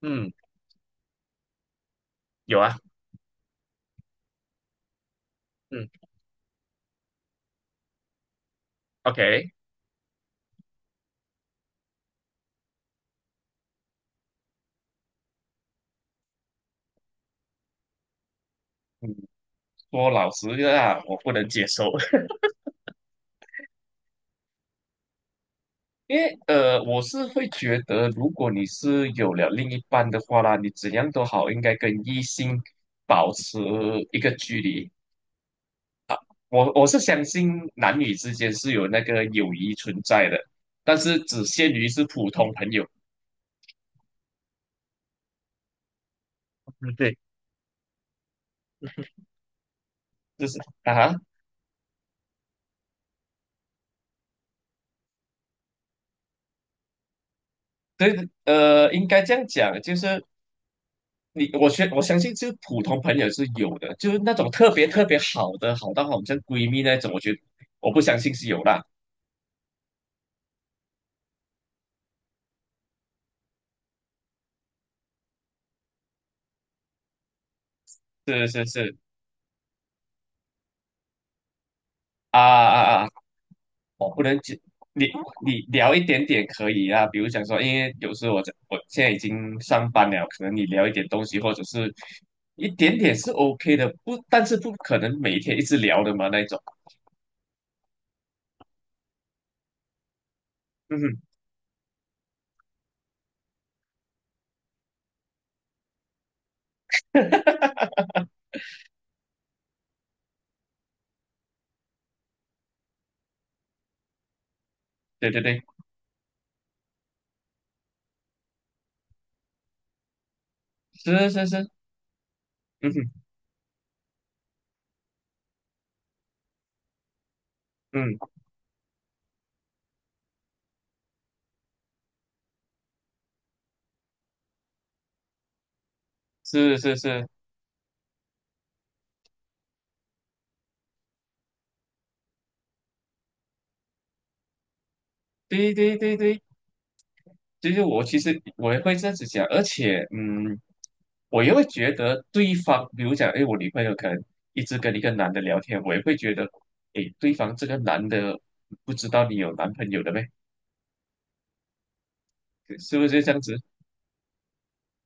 嗯，有啊，嗯，OK，嗯，说老实的啊，我不能接受，因为我是会觉得，如果你是有了另一半的话啦，你怎样都好，应该跟异性保持一个距离。我是相信男女之间是有那个友谊存在的，但是只限于是普通朋友。嗯对，就是啊哈对，应该这样讲，就是。你我相我相信，就是普通朋友是有的，就是那种特别特别好的，好到好像闺蜜那种，我觉得我不相信是有啦。是是是啊啊啊！我不能解你你聊一点点可以啊，比如讲说，因为有时候我现在已经上班了，可能你聊一点东西，或者是一点点是 OK 的，不，但是不可能每天一直聊的嘛那种。嗯哼，对对对，是是是，嗯哼嗯，是是是，对对对对。就是我其实我也会这样子讲，而且我也会觉得对方，比如讲，哎，我女朋友可能一直跟一个男的聊天，我也会觉得，哎，对方这个男的不知道你有男朋友的呗，是不是这样子？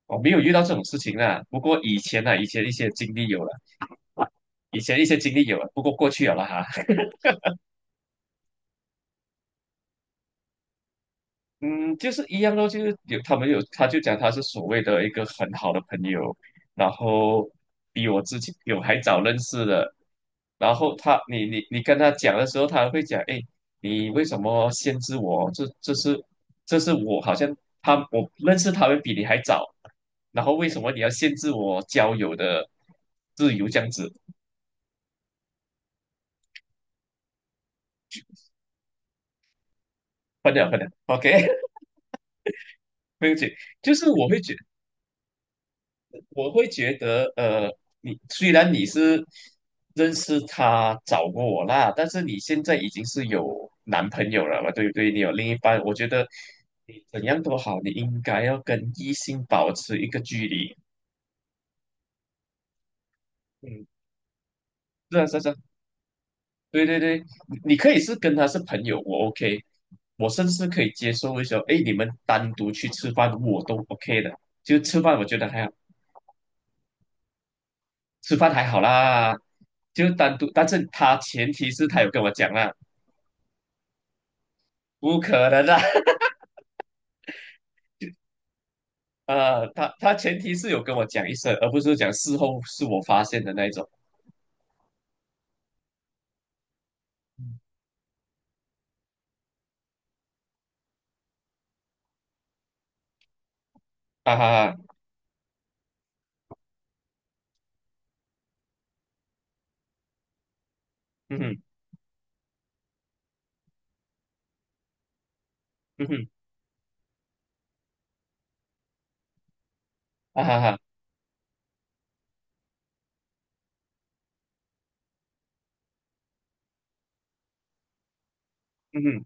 我没有遇到这种事情啦，不过以前啊，以前一些经历有了，以前一些经历有了，不过过去有了啦哈。嗯，就是一样咯，就是有他们有，他就讲他是所谓的一个很好的朋友，然后比我之前有还早认识的，然后他你跟他讲的时候，他会讲，哎，你为什么限制我？这这是这是我好像他我认识他们比你还早，然后为什么你要限制我交友的自由这样子？分了分了，OK，没有解，就是我会觉得，你虽然你是认识他找过我啦，但是你现在已经是有男朋友了嘛，对不对？你有另一半，我觉得你怎样都好，你应该要跟异性保持一个距离。嗯，是啊，是啊是啊对对对，你可以是跟他是朋友，我 OK，我甚至可以接受一些，哎，你们单独去吃饭，我都 OK 的。就吃饭，我觉得还好，吃饭还好啦。就单独，但是他前提是他有跟我讲啦，不可能的，啊，啊他前提是有跟我讲一声，而不是讲事后是我发现的那一种，哈哈哈，嗯哼，嗯哼，啊哈哈，嗯哼，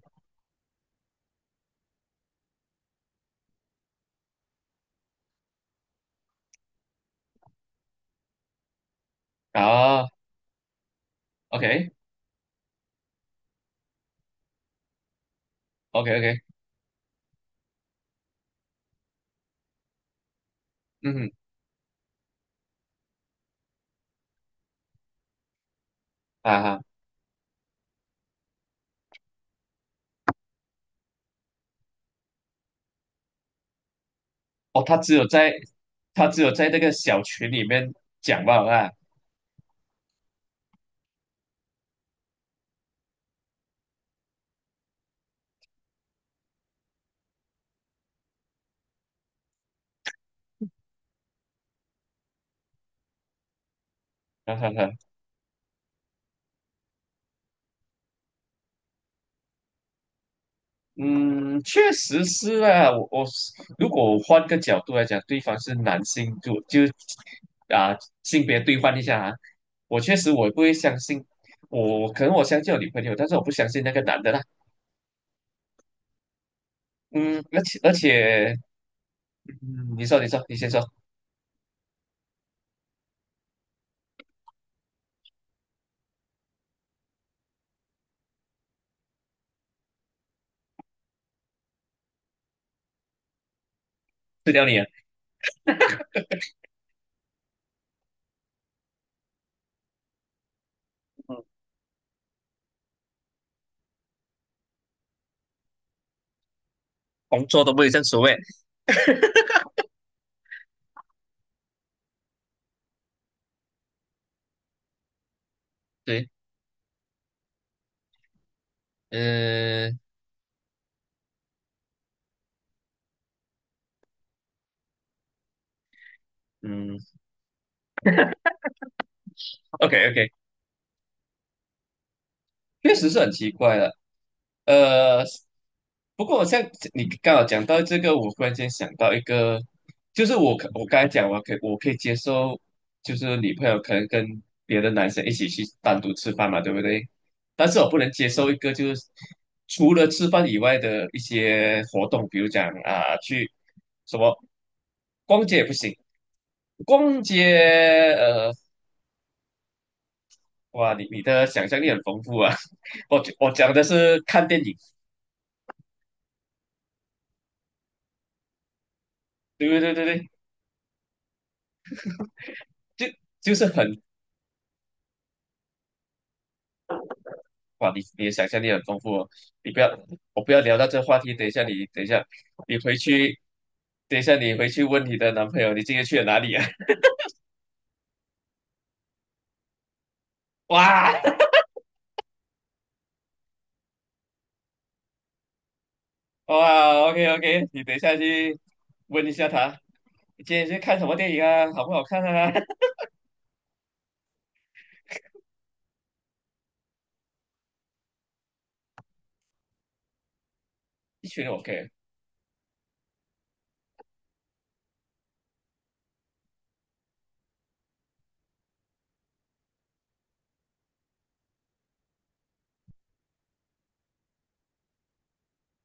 啊，OK，OK，OK，嗯哼，啊哈，哦，他只有在那个小群里面讲吧，啊，哈哈哈。嗯，确实是啊。我我是如果换个角度来讲，对方是男性，就就啊性别对换一下啊，我确实我也不会相信，我可能我相信我女朋友，但是我不相信那个男的啦。嗯，而且，你先说，吃掉你啊。嗯，工作都不会正所谓。对，嗯嗯，OK OK，确实是很奇怪的。呃，不过像你刚好讲到这个，我忽然间想到一个，就是我刚才讲，我可以接受，就是女朋友可能跟别的男生一起去单独吃饭嘛，对不对？但是我不能接受一个就是除了吃饭以外的一些活动，比如讲啊、去什么逛街也不行，逛街哇，你的想象力很丰富啊。我讲的是看电影。对对对对，就就是很哇，你的想象力很丰富哦。你不要，我不要聊到这个话题。等一下你，等一下，你回去，等一下你回去问你的男朋友，你今天去了哪里啊？哇 哇，OK OK，你等一下去问一下他，你今天去看什么电影啊？好不好看啊？一群人 OK，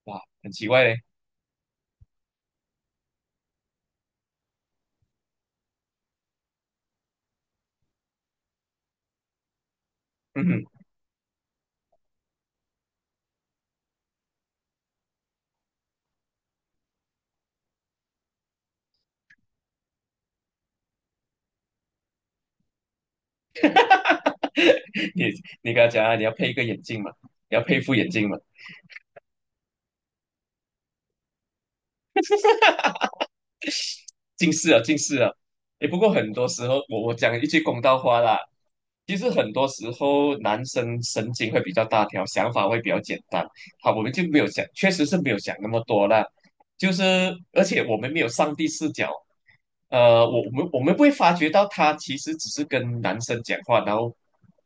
哇，很奇怪嘞。嗯哼，你你跟他讲啊，你要配一个眼镜嘛，你要配一副眼镜嘛，近视啊，近视啊。诶，不过很多时候，我讲一句公道话啦，其实很多时候，男生神经会比较大条，想法会比较简单。好，我们就没有想，确实是没有想那么多啦。就是，而且我们没有上帝视角，我们不会发觉到他其实只是跟男生讲话，然后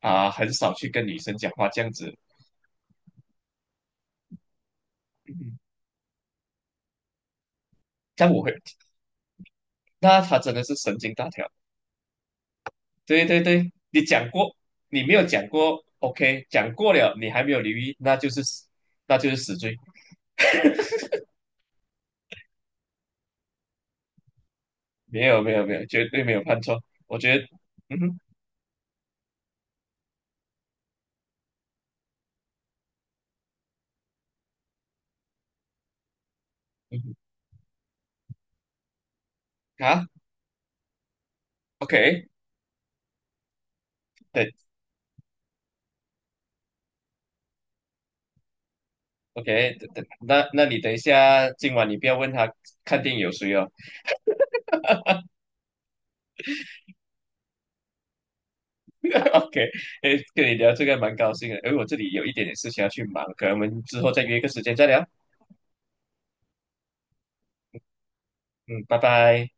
啊、很少去跟女生讲话这样子。嗯但我会，那他真的是神经大条。对对对，你讲过，你没有讲过，OK，讲过了，你还没有留意，那就是死罪。没有没有没有，绝对没有判错。我觉得，嗯哼，嗯哼，啊，OK，对，OK，等等，那你等一下，今晚你不要问他看电影有谁哦。OK，诶，跟你聊这个蛮高兴的，因为我这里有一点点事情要去忙，可能我们之后再约一个时间再聊。嗯，拜拜。